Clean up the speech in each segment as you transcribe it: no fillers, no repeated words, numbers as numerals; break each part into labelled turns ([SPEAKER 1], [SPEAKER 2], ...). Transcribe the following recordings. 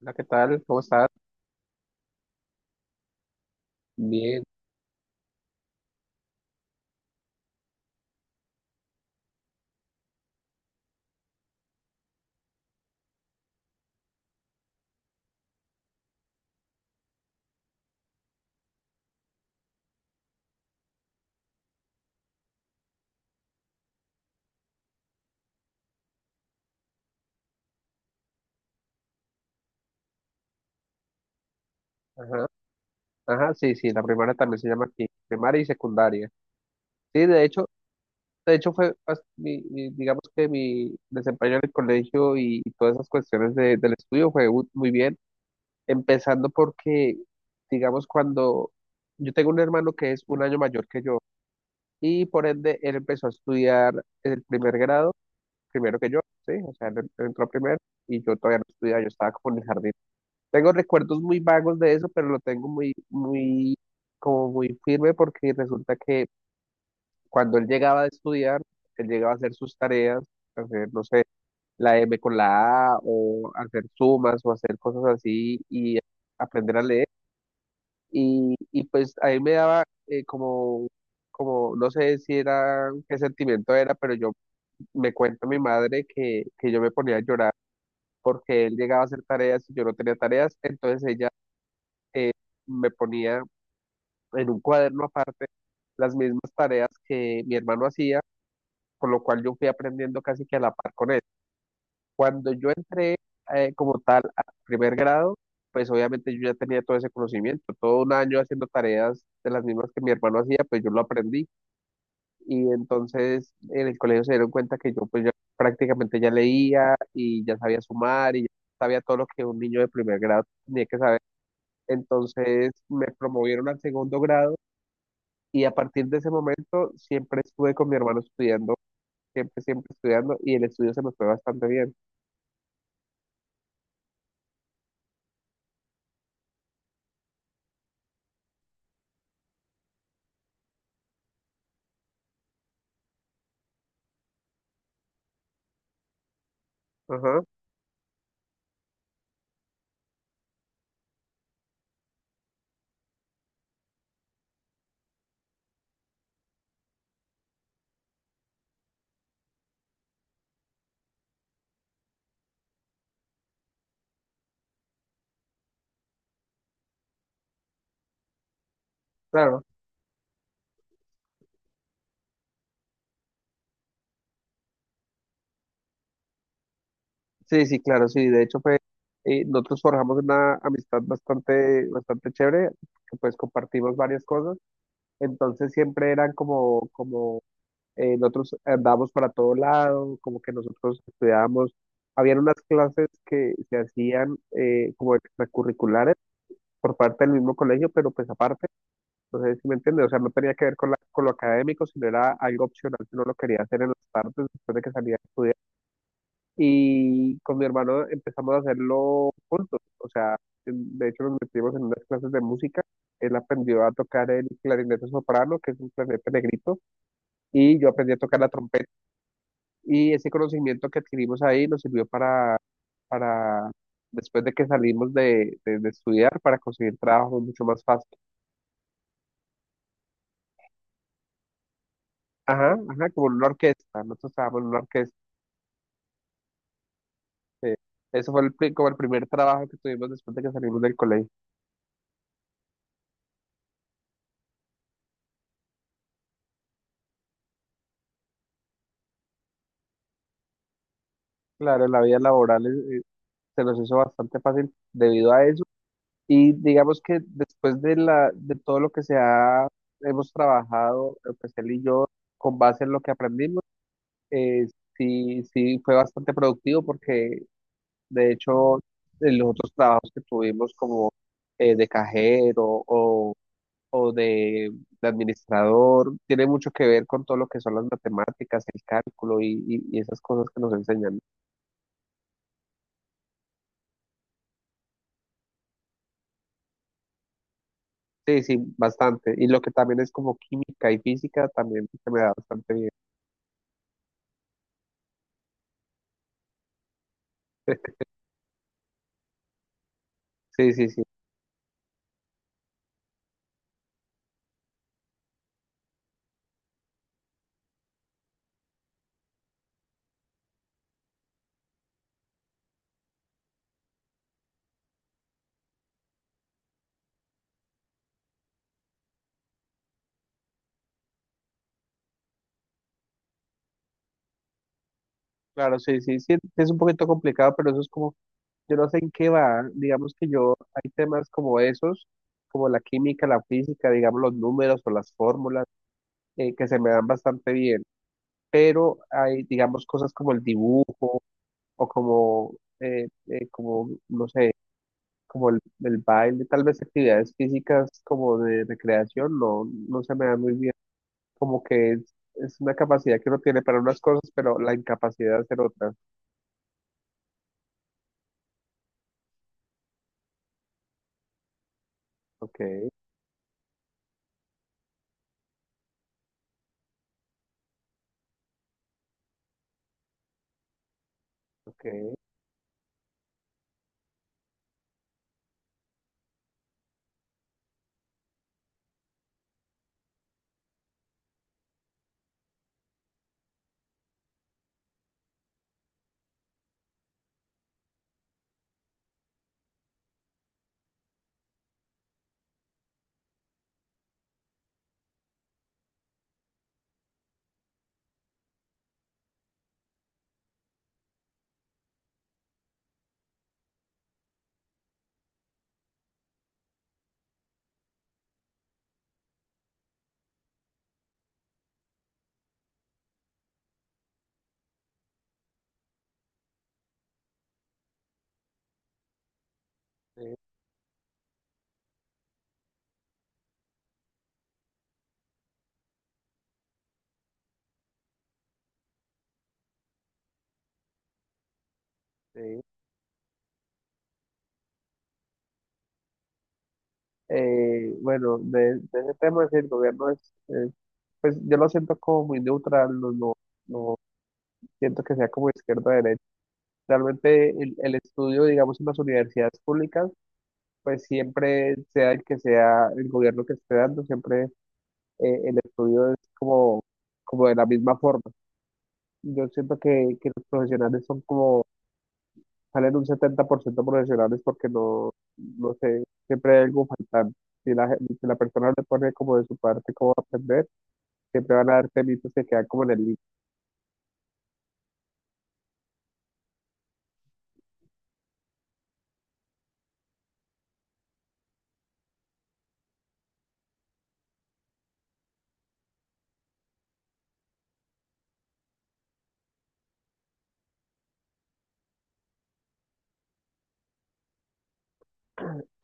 [SPEAKER 1] Hola, ¿qué tal? ¿Cómo estás? Bien. Ajá. Ajá, sí, sí, la primaria también se llama aquí, primaria y secundaria. Sí, de hecho fue, digamos que mi desempeño en el colegio y todas esas cuestiones del estudio fue muy bien, empezando porque, digamos, cuando yo tengo un hermano que es un año mayor que yo y por ende él empezó a estudiar el primer grado, primero que yo, sí, o sea, él entró primero y yo todavía no estudiaba, yo estaba como en el jardín. Tengo recuerdos muy vagos de eso, pero lo tengo muy, muy, como muy firme porque resulta que cuando él llegaba a estudiar, él llegaba a hacer sus tareas, hacer, no sé, la M con la A o hacer sumas o hacer cosas así y aprender a leer. Y pues ahí me daba como, como, no sé si era, qué sentimiento era, pero yo me cuenta mi madre que yo me ponía a llorar porque él llegaba a hacer tareas y yo no tenía tareas, entonces ella eh, me ponía en un cuaderno aparte las mismas tareas que mi hermano hacía, por lo cual yo fui aprendiendo casi que a la par con él. Cuando yo entré como tal al primer grado, pues obviamente yo ya tenía todo ese conocimiento, todo un año haciendo tareas de las mismas que mi hermano hacía, pues yo lo aprendí y entonces en el colegio se dieron cuenta que yo pues ya prácticamente ya leía y ya sabía sumar y ya sabía todo lo que un niño de primer grado tenía que saber. Entonces me promovieron al segundo grado. Y a partir de ese momento siempre estuve con mi hermano estudiando, siempre, siempre estudiando y el estudio se me fue bastante bien. Ajá, claro. Sí, sí, claro, sí. De hecho fue, nosotros forjamos una amistad bastante, bastante chévere, que pues compartimos varias cosas. Entonces siempre eran como, como, nosotros andábamos para todo lado, como que nosotros estudiábamos. Habían unas clases que se hacían como extracurriculares por parte del mismo colegio, pero pues aparte. Entonces, ¿sí me entiendes? O sea, no tenía que ver con, con lo académico, sino era algo opcional que uno lo quería hacer en las tardes después de que salía a estudiar. Y con mi hermano empezamos a hacerlo juntos. O sea, de hecho nos metimos en unas clases de música. Él aprendió a tocar el clarinete soprano, que es un clarinete negrito, y yo aprendí a tocar la trompeta. Y ese conocimiento que adquirimos ahí nos sirvió para después de que salimos de estudiar, para conseguir trabajo mucho más fácil. Ajá, ajá, como en una orquesta. Nosotros estábamos en una orquesta. Sí. Eso fue como el primer trabajo que tuvimos después de que salimos del colegio. Claro, la vida laboral se nos hizo bastante fácil debido a eso. Y digamos que después de todo lo que hemos trabajado, pues él y yo, con base en lo que aprendimos, eh, sí, sí fue bastante productivo porque de hecho en los otros trabajos que tuvimos como de cajero o de administrador, tiene mucho que ver con todo lo que son las matemáticas, el cálculo y esas cosas que nos enseñan. Sí, sí, bastante. Y lo que también es como química y física también se me da bastante bien. Sí, sí, sí. Claro, sí, sí, sí, es un poquito complicado, pero eso es como, yo no sé en qué va, digamos que yo, hay temas como esos, como la química, la física, digamos los números o las fórmulas, que se me dan bastante bien, pero hay, digamos, cosas como el dibujo o como, como no sé, como el baile, tal vez actividades físicas como de recreación, no, no se me da muy bien, como que es una capacidad que uno tiene para unas cosas, pero la incapacidad de hacer otras. Ok, ok, sí, sí. Bueno, de ese tema, sí, el gobierno es, eh, pues yo lo siento como muy neutral, no, no, no siento que sea como izquierda o derecha. Realmente el estudio, digamos, en las universidades públicas, pues siempre sea el que sea el gobierno que esté dando, siempre el estudio es como, como de la misma forma. Yo siento que los profesionales son como, salen un 70% profesionales porque no, no sé, siempre hay algo faltante. Si si la persona le pone como de su parte cómo aprender, siempre van a dar temitos que quedan como en el link.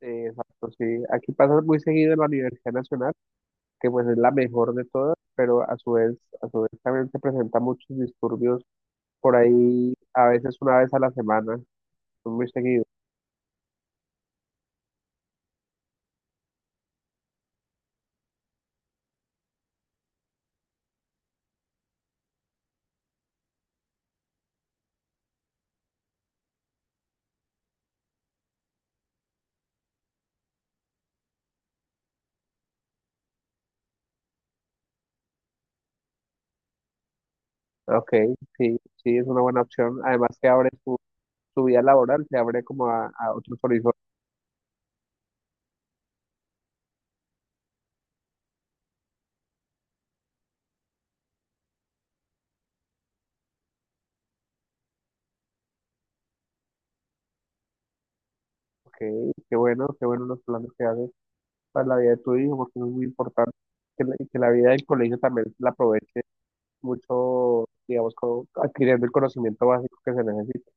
[SPEAKER 1] Exacto, sí. Aquí pasa muy seguido en la Universidad Nacional, que pues es la mejor de todas, pero a su vez también se presentan muchos disturbios por ahí a veces una vez a la semana, no muy seguido. Ok, sí, sí, es una buena opción. Además que abre tu, tu vida laboral, te abre como a otros horizontes. Ok, qué bueno los planes que haces para la vida de tu hijo, porque eso es muy importante. Que que la vida del colegio también la aproveche mucho, digamos, como adquiriendo el conocimiento básico que se necesita.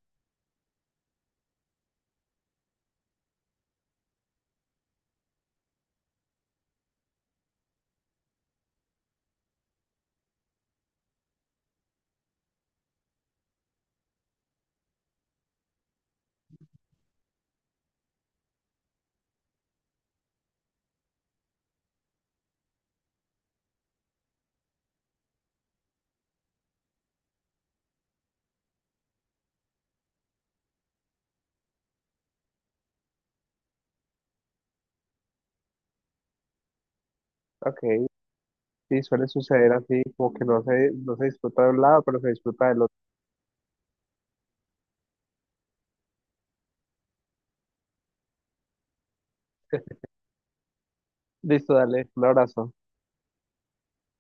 [SPEAKER 1] Ok, sí, suele suceder así, como que no se, no se disfruta de un lado, pero se disfruta del otro. Listo, dale, un abrazo.